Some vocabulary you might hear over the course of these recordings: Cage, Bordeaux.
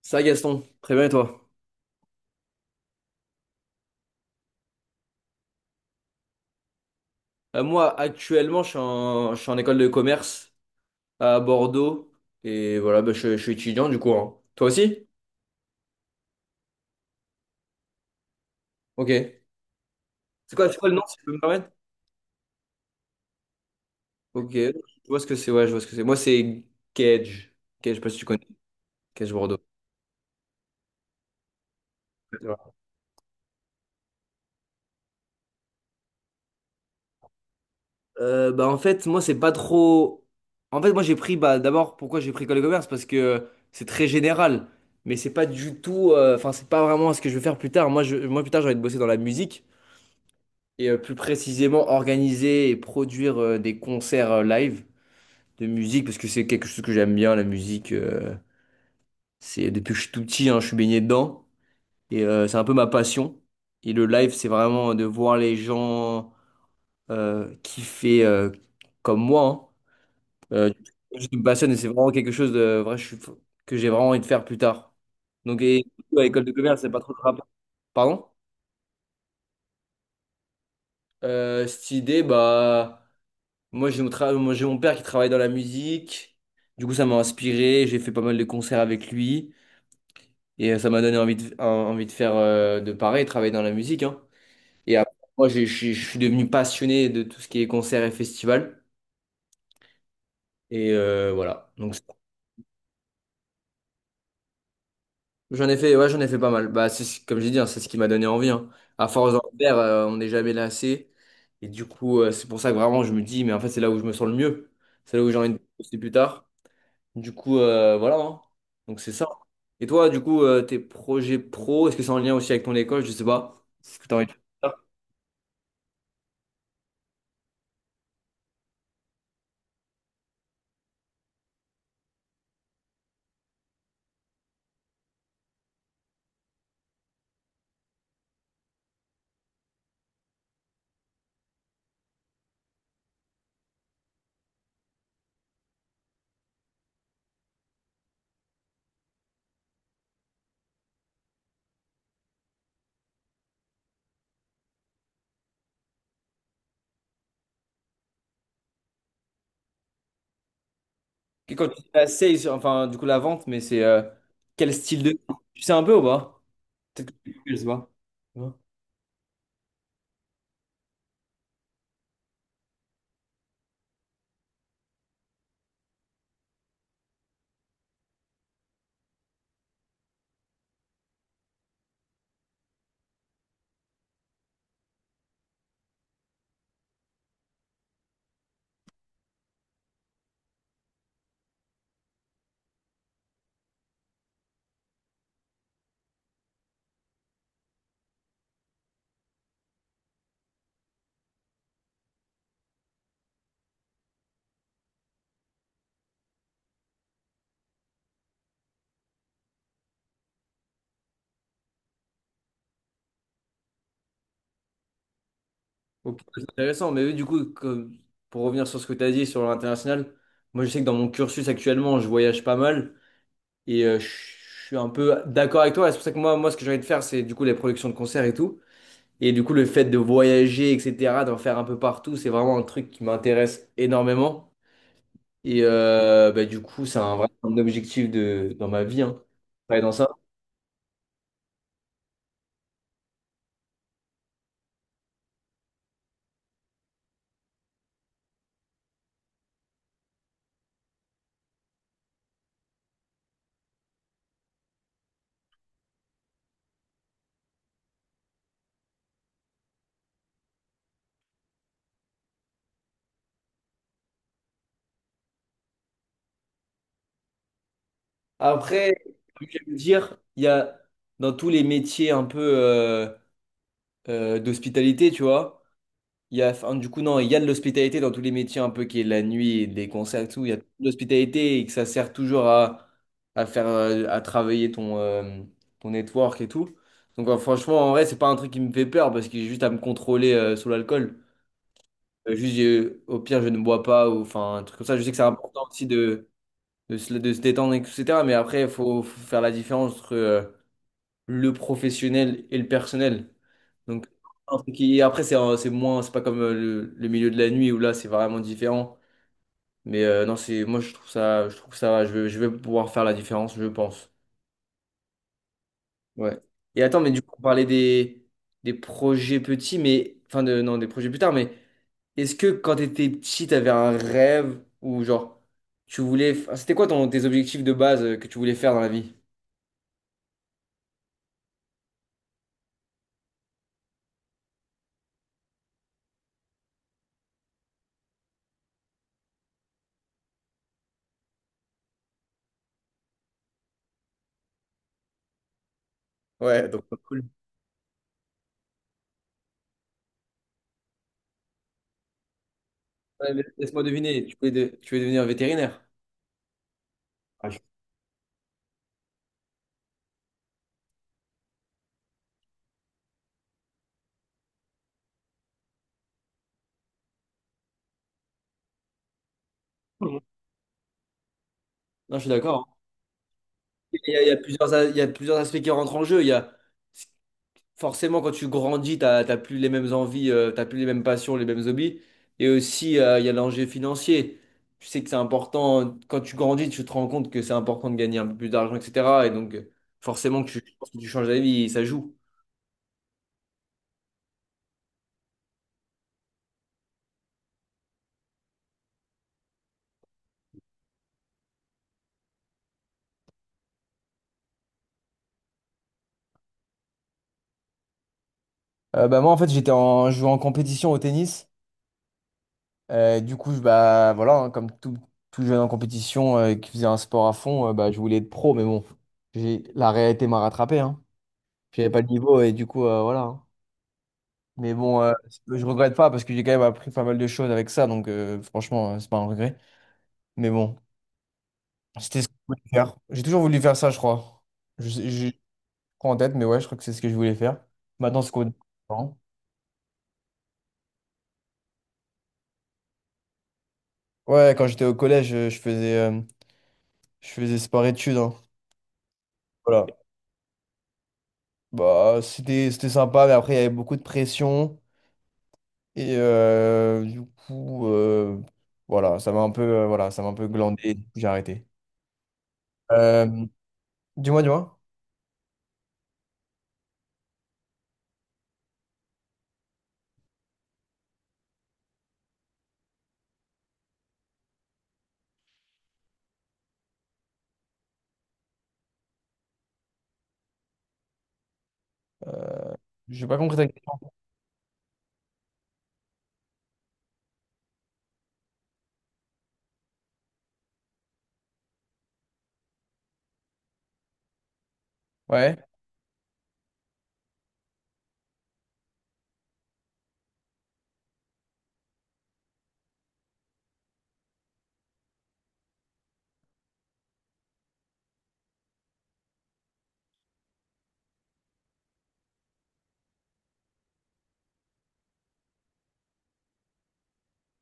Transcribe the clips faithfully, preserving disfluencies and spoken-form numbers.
Ça, Gaston, très bien et toi? Euh, moi, actuellement, je suis en, je suis en école de commerce à Bordeaux et voilà, bah, je, je suis étudiant du coup, hein. Toi aussi? Ok. C'est quoi, c'est quoi le nom, si tu peux me permettre? Ok, je vois ce que c'est, ouais, je vois ce que c'est. Moi, c'est Cage. Cage, je sais pas si tu connais. Cage Bordeaux. Euh, bah, en fait, moi, c'est pas trop. En fait, moi, j'ai pris, bah, d'abord, pourquoi j'ai pris école de commerce? Parce que c'est très général, mais c'est pas du tout. euh, Enfin, c'est pas vraiment ce que je veux faire plus tard. Moi, je, moi plus tard, j'ai envie de bosser dans la musique, et euh, plus précisément organiser et produire euh, des concerts euh, live de musique, parce que c'est quelque chose que j'aime bien, la musique. Euh, c'est depuis que je suis tout petit, hein, je suis baigné dedans, et euh, c'est un peu ma passion. Et le live, c'est vraiment de voir les gens euh, kiffer euh, comme moi, hein. Euh, je me passionne et c'est vraiment quelque chose de vrai je suis- que j'ai vraiment envie de faire plus tard. Donc, et à l'école de commerce, c'est pas trop le rapport. Pardon? Euh, cette idée, bah. Moi, j'ai mon, tra- moi, j'ai mon père qui travaille dans la musique. Du coup, ça m'a inspiré. J'ai fait pas mal de concerts avec lui. Et euh, ça m'a donné envie de, en- envie de faire euh, de pareil, travailler dans la musique, hein. Et après, moi, j'ai- j'ai- je suis devenu passionné de tout ce qui est concerts et festivals. Et euh, voilà. Donc, c'est- j'en ai fait, ouais, j'en ai fait pas mal. Bah, c'est, ce- comme j'ai dit, hein, c'est ce qui m'a donné envie, hein. À force d'en faire, euh, on n'est jamais lassé. Et du coup, euh, c'est pour ça que vraiment, je me dis, mais en fait, c'est là où je me sens le mieux. C'est là où j'ai envie de bosser plus tard. Du coup, euh, voilà, hein. Donc c'est ça. Et toi, du coup, euh, tes projets pro, est-ce que c'est en lien aussi avec ton école? Je sais pas. Est-ce que t'as envie de faire ça? Et quand tu fais la sales, enfin, du coup, la vente, mais c'est euh, quel style de. Tu sais un peu ou pas? Peut-être que tu- je sais pas. Ouais. Ok, c'est intéressant. Mais oui, du coup, comme- pour revenir sur ce que tu as dit sur l'international, moi, je sais que dans mon cursus actuellement, je voyage pas mal et euh, je je suis un peu d'accord avec toi. C'est pour ça que moi, moi, ce que j'ai envie de faire, c'est du coup les productions de concerts et tout. Et du coup, le fait de voyager, et cetera, d'en faire un peu partout, c'est vraiment un truc qui m'intéresse énormément. Et euh, bah, du coup, c'est un vrai un objectif de, dans ma vie, hein, travailler dans ça. Après, comme j'aime le dire, il y a dans tous les métiers un peu euh, euh, d'hospitalité, tu vois. Il y a, enfin, du coup, non, il y a de l'hospitalité dans tous les métiers, un peu qui est la nuit, et des concerts et tout. Il y a de l'hospitalité et que ça sert toujours à, à faire, euh, à travailler ton, euh, ton network et tout. Donc, euh, franchement, en vrai, c'est pas un truc qui me fait peur parce que j'ai juste à me contrôler, euh, sur l'alcool. Euh, juste, j'ai- au pire, je ne bois pas ou enfin, un truc comme ça. Je sais que c'est important aussi de, de se, de se détendre, et cetera. Mais après, il faut, faut faire la différence entre, euh, le professionnel et le personnel. Donc, un truc qui- après, c'est un- c'est moins, c'est pas comme euh, le, le milieu de la nuit où là, c'est vraiment différent. Mais euh, non, c'est, moi, je trouve ça, je trouve que ça va. Je vais, je vais pouvoir faire la différence, je pense. Ouais. Et attends, mais du coup, on parlait des, des projets petits, mais, enfin, de, non, des projets plus tard, mais est-ce que quand t'étais petit, t'avais un rêve ou genre, tu voulais, f- enfin, c'était quoi ton, tes objectifs de base euh, que tu voulais faire dans la vie? Ouais, donc. Cool. Ouais, mais laisse-moi deviner, tu voulais, de- tu voulais devenir vétérinaire. Ah, je suis fou, hein. Non, je suis d'accord. Il y a, il y a plusieurs, a- il y a plusieurs aspects qui rentrent en jeu. Il y a, forcément, quand tu grandis, tu n'as plus les mêmes envies, euh, t'as plus les mêmes passions, les mêmes hobbies. Et aussi, euh, il y a l'enjeu financier. Tu sais que c'est important, quand tu grandis, tu te rends compte que c'est important de gagner un peu plus d'argent, et cetera. Et donc, euh, forcément, que tu, je pense que tu changes d'avis, ça joue. Euh, bah, moi, en fait, j'étais en, je jouais en compétition au tennis. Euh, du coup, je- bah, voilà, hein, comme tout, tout jeune en compétition euh, qui faisait un sport à fond, euh, bah, je voulais être pro, mais bon, j'ai, la réalité m'a rattrapé, hein. Puis j'avais pas le niveau et du coup, euh, voilà, hein. Mais bon, euh, je regrette pas parce que j'ai quand même appris pas mal de choses avec ça, donc euh, franchement, euh, c'est pas un regret. Mais bon, c'était ce que je voulais faire. J'ai toujours voulu faire ça, je crois. Je, sais- je crois en tête, mais ouais, je crois que c'est ce que je voulais faire. Maintenant, c'est quoi? Ouais, quand j'étais au collège, euh, je faisais, euh, je faisais sport-études, hein. Voilà. Bah, c'était, c'était sympa, mais après, il y avait beaucoup de pression. Et euh, du coup, euh, voilà, ça m'a un peu, euh, voilà, ça m'a un peu glandé. J'ai arrêté. Euh, Dis-moi, dis-moi. J'ai pas compris ta question. Ouais.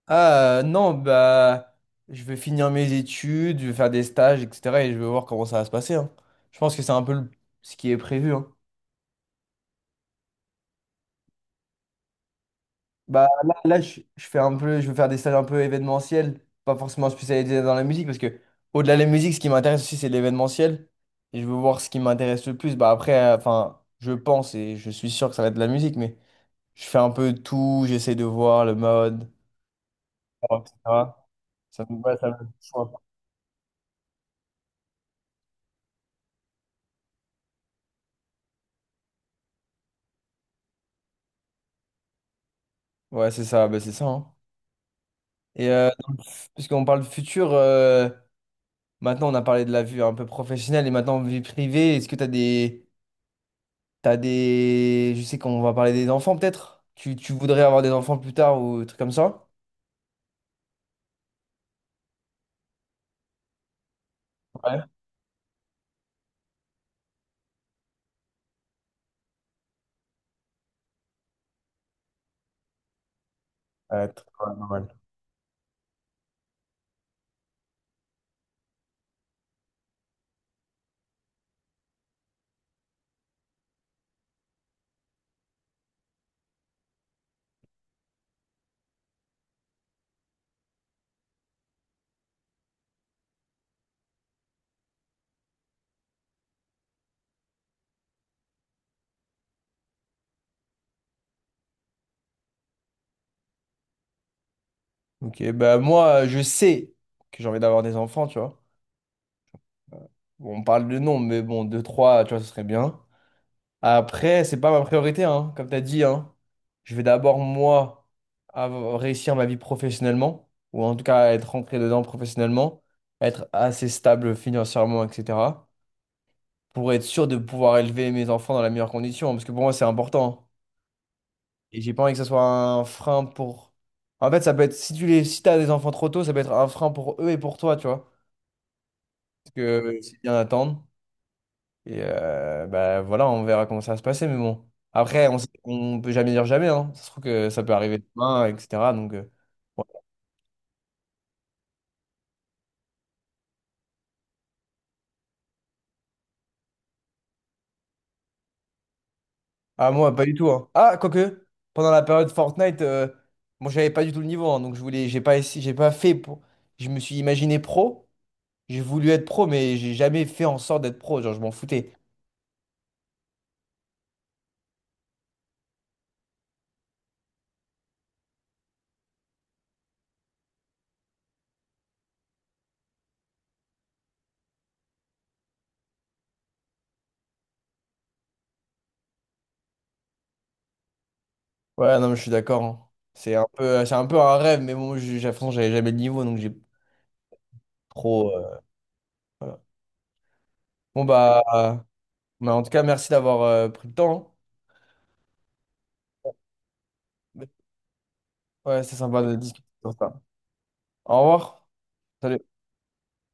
Ah euh, non, bah je vais finir mes études, je vais faire des stages, et cetera. Et je vais voir comment ça va se passer, hein. Je pense que c'est un peu le- ce qui est prévu, hein. Bah là, là, je, je fais un peu, je vais faire des stages un peu événementiels, pas forcément spécialisés dans la musique, parce que au-delà de la musique, ce qui m'intéresse aussi, c'est l'événementiel. Et je veux voir ce qui m'intéresse le plus. Bah après, euh, enfin, je pense et je suis sûr que ça va être de la musique, mais je fais un peu tout, j'essaie de voir le mode, et cetera. Ça me, ouais, ça me- Ouais, c'est ça, bah, c'est ça, hein. Et euh, dans puisqu'on parle de futur, euh, maintenant on a parlé de la vue un peu professionnelle et maintenant vie privée, est-ce que tu as des, t'as des... Je sais qu'on va parler des enfants peut-être? Tu, tu voudrais avoir des enfants plus tard ou des trucs comme ça? Ouais. Ouais, tr- ouais, normal. Ok, bah moi euh, je sais que j'ai envie d'avoir des enfants, tu vois. Bon, on parle de nom, mais bon, deux, trois, tu vois, ce serait bien. Après, c'est pas ma priorité, hein, comme tu as dit, hein. Je vais d'abord, moi, av- réussir ma vie professionnellement, ou en tout cas être rentré dedans professionnellement, être assez stable financièrement, et cetera. Pour être sûr de pouvoir élever mes enfants dans la meilleure condition, parce que pour moi, c'est important. Et j'ai pas envie que ça soit un frein pour... En fait, ça peut être, si tu les, si t'as des enfants trop tôt, ça peut être un frein pour eux et pour toi, tu vois. Parce que c'est bien d'attendre. Et euh, bah, voilà, on verra comment ça va se passer. Mais bon, après, on sait qu'on peut jamais dire jamais, hein. Ça se trouve que ça peut arriver demain, et cetera. Donc, euh, ouais. Ah, moi, pas du tout, hein. Ah, quoique, pendant la période Fortnite, euh, moi, j'avais pas du tout le niveau, hein. Donc, je voulais, j'ai pas, essayé- j'ai pas fait pour. Je me suis imaginé pro. J'ai voulu être pro, mais j'ai jamais fait en sorte d'être pro. Genre, je m'en foutais. Ouais, non, mais je suis d'accord, hein. C'est un peu, c'est un peu un rêve, mais bon, j'ai- j'ai- de toute façon, j'avais jamais le niveau, donc j'ai trop. Euh, voilà. Bon, bah, euh, bah, en tout cas, merci d'avoir euh, pris le temps, hein. Ouais, c'est sympa de discuter sur ça. Au revoir. Salut.